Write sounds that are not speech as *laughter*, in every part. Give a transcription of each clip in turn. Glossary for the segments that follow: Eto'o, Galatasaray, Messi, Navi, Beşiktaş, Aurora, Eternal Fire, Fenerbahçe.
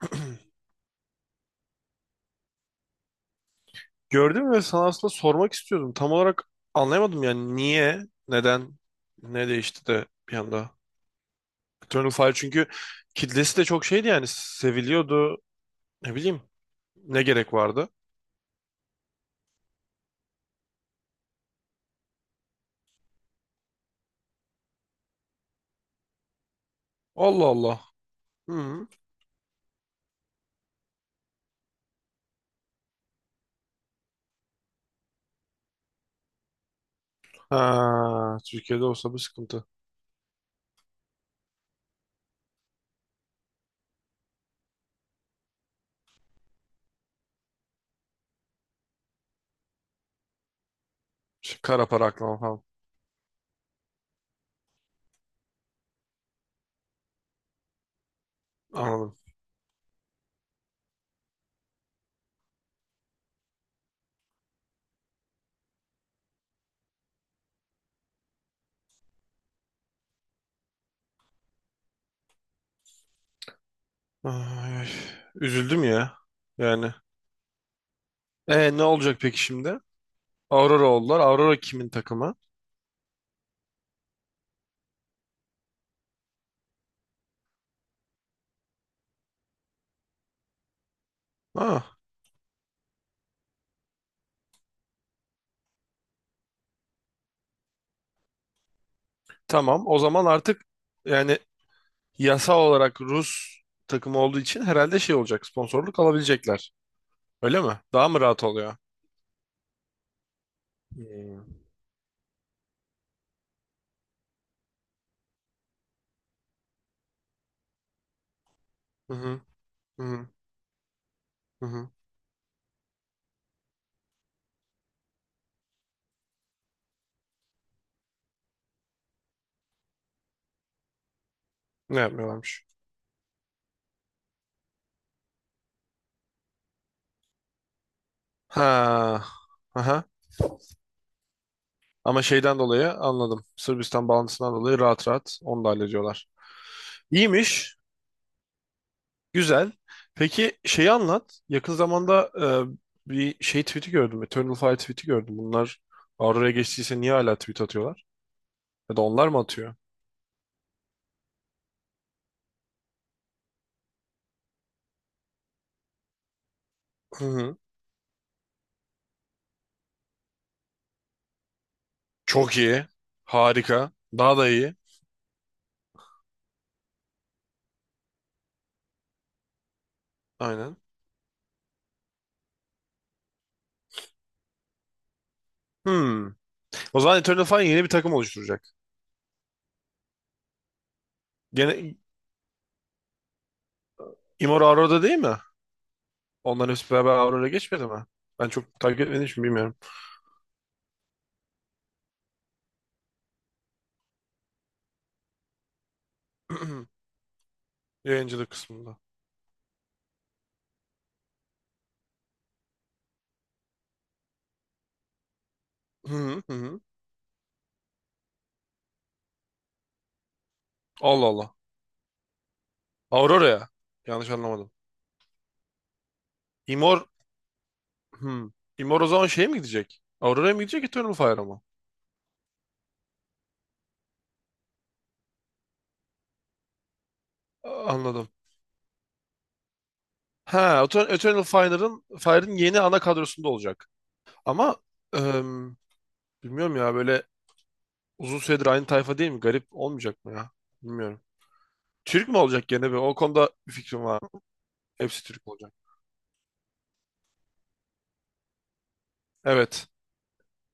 *clears throat* Gördüm ve sana aslında sormak istiyordum. Tam olarak anlayamadım yani niye, neden, ne değişti de bir anda. Eternal Fire çünkü kitlesi de çok şeydi yani seviliyordu. Ne bileyim ne gerek vardı. Allah Allah. Hı. Ha, Türkiye'de olsa bu sıkıntı. Şey, kara para aklama falan. Anladım. Ay, ay. Üzüldüm ya. Yani. E ne olacak peki şimdi? Aurora oldular. Aurora kimin takımı? Ha, tamam. O zaman artık yani yasal olarak Rus takımı olduğu için herhalde şey olacak. Sponsorluk alabilecekler. Öyle mi? Daha mı rahat oluyor? Hmm. Hı hı, hı hı, hı hı. Ne yapmıyorlarmış? Ha. Aha. Ama şeyden dolayı anladım. Sırbistan bağlantısından dolayı rahat rahat onu da hallediyorlar. İyiymiş. Güzel. Peki şeyi anlat. Yakın zamanda bir şey tweet'i gördüm. Eternal Fire tweet'i gördüm. Bunlar Aurora'ya geçtiyse niye hala tweet atıyorlar? Ya da onlar mı atıyor? Hı hı. Çok iyi. Harika. Daha da iyi. Aynen. Hmm. O zaman Eternal Fire yeni bir takım oluşturacak. Gene Immortal Aurora'da değil mi? Onların hepsi beraber Aurora'ya geçmedi mi? Ben çok takip etmediğim için bilmiyorum. *clears throat* Yayıncılık kısmında. Hı hı hı. Hı. Allah Allah. Aurora'ya. Yanlış anlamadım. Imor... Hmm. Imor o zaman şeye mi gidecek? Aurora'ya mı gidecek Eternal Fire'a mı? Anladım. Ha, Eternal Fire'ın yeni ana kadrosunda olacak. Ama em, bilmiyorum ya böyle uzun süredir aynı tayfa değil mi? Garip olmayacak mı ya? Bilmiyorum. Türk mü olacak gene bir? O konuda bir fikrim var. Hepsi Türk olacak. Evet.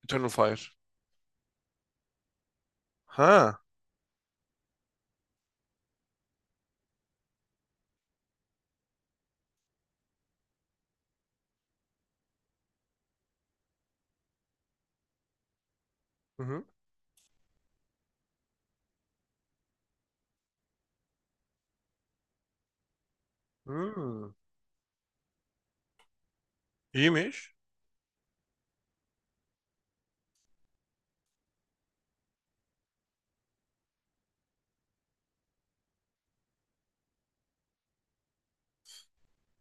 Eternal Fire. Ha. Hı hı. Hmm. İyiymiş.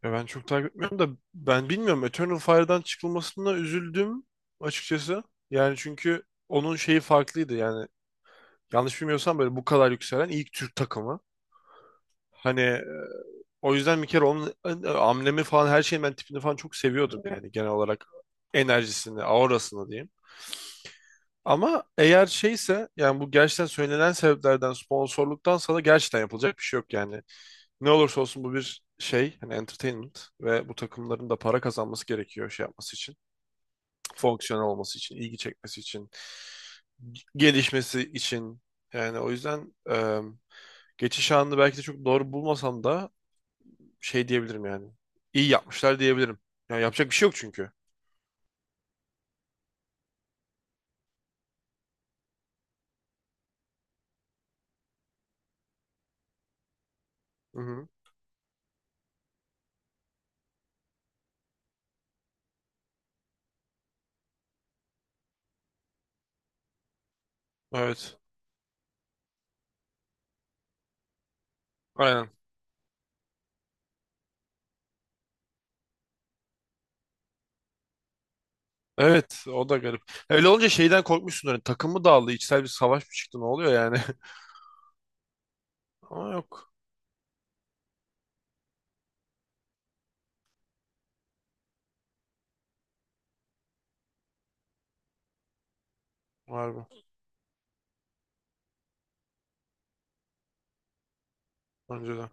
Ya ben çok takip etmiyorum da ben bilmiyorum. Eternal Fire'dan çıkılmasına üzüldüm açıkçası. Yani çünkü onun şeyi farklıydı yani. Yanlış bilmiyorsam böyle bu kadar yükselen ilk Türk takımı. Hani. O yüzden bir kere onun amblemi falan her şeyin ben tipini falan çok seviyordum yani genel olarak enerjisini, aurasını diyeyim. Ama eğer şeyse yani bu gerçekten söylenen sebeplerden sponsorluktan sana gerçekten yapılacak bir şey yok yani. Ne olursa olsun bu bir şey hani entertainment ve bu takımların da para kazanması gerekiyor şey yapması için. Fonksiyonel olması için, ilgi çekmesi için, gelişmesi için. Yani o yüzden geçiş anını belki de çok doğru bulmasam da şey diyebilirim yani. İyi yapmışlar diyebilirim. Yani yapacak bir şey yok çünkü. Hı hı. Evet. Aynen. Evet, o da garip. Öyle olunca şeyden korkmuşsun hani takım mı dağıldı, içsel bir savaş mı çıktı, ne oluyor yani? *laughs* Ama yok. Var bu. Önceden.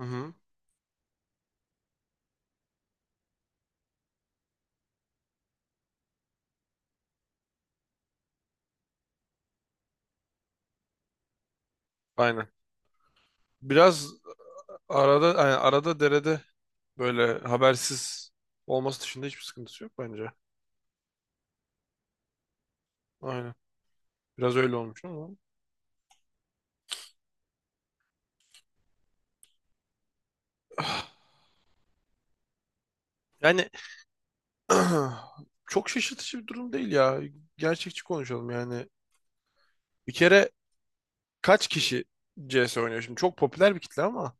Hı hı. Aynen. Biraz arada yani arada derede böyle habersiz olması dışında hiçbir sıkıntısı yok bence. Aynen. Biraz öyle olmuş ama. *sighs* Yani *clears throat* çok şaşırtıcı bir durum değil ya. Gerçekçi konuşalım yani. Bir kere kaç kişi CS oynuyor şimdi? Çok popüler bir kitle ama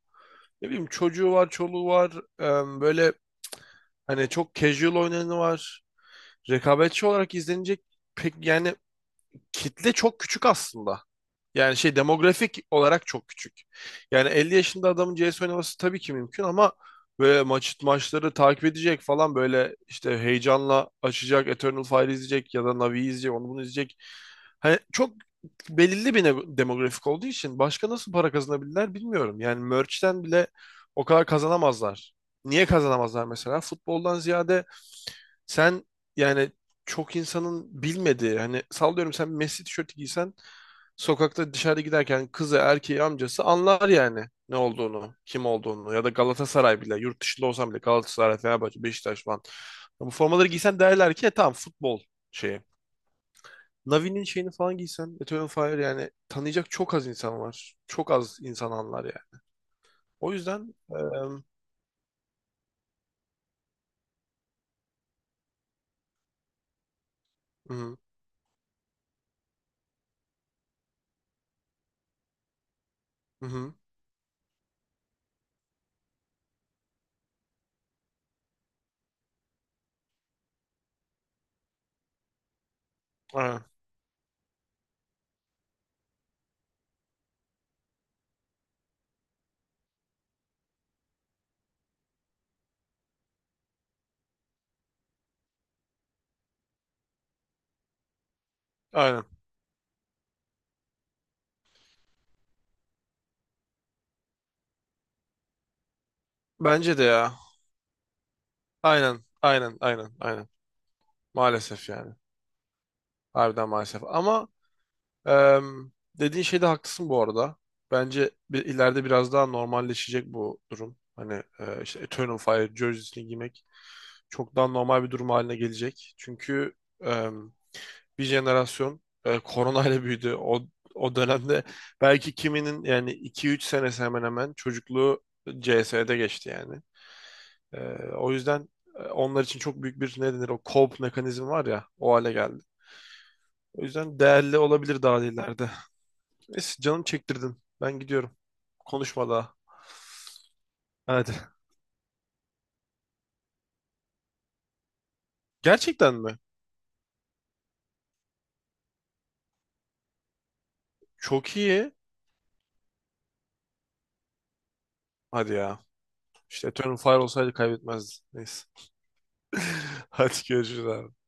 ne bileyim çocuğu var, çoluğu var. Böyle hani çok casual oynayanı var. Rekabetçi olarak izlenecek pek yani kitle çok küçük aslında. Yani şey demografik olarak çok küçük. Yani 50 yaşında adamın CS oynaması tabii ki mümkün ama böyle maç maçları takip edecek falan böyle işte heyecanla açacak, Eternal Fire izleyecek ya da Navi'yi izleyecek, onu bunu izleyecek. Hani çok belirli bir demografik olduğu için başka nasıl para kazanabilirler bilmiyorum. Yani merch'ten bile o kadar kazanamazlar. Niye kazanamazlar mesela? Futboldan ziyade sen yani çok insanın bilmediği hani sallıyorum sen Messi tişörtü giysen sokakta dışarı giderken kızı erkeği amcası anlar yani ne olduğunu kim olduğunu ya da Galatasaray bile yurt dışında olsam bile Galatasaray Fenerbahçe Beşiktaş falan bu formaları giysen derler ki "E tamam futbol şeyi. Navi'nin şeyini falan giysen Eto'o Fire yani tanıyacak çok az insan var. Çok az insan anlar yani. O yüzden hı hı, hı hı, aynen, aynen. Bence de ya. Aynen, aynen, aynen, aynen. Maalesef yani. Harbiden maalesef. Ama em, dediğin şeyde haklısın bu arada. Bence bir, ileride biraz daha normalleşecek bu durum. Hani işte Eternal Fire jersey'sini giymek çok daha normal bir durum haline gelecek. Çünkü em, bir jenerasyon koronayla büyüdü. O dönemde belki kiminin yani 2-3 senesi hemen hemen çocukluğu CS'de geçti yani. E, o yüzden onlar için çok büyük bir ne denir o cope mekanizmi var ya o hale geldi. O yüzden değerli olabilir daha ileride. Neyse canım çektirdin. Ben gidiyorum. Konuşma daha. Hadi. Gerçekten mi? Çok iyi. Hadi ya. İşte Eternal Fire olsaydı kaybetmezdin. Neyse. *laughs* Hadi görüşürüz abi.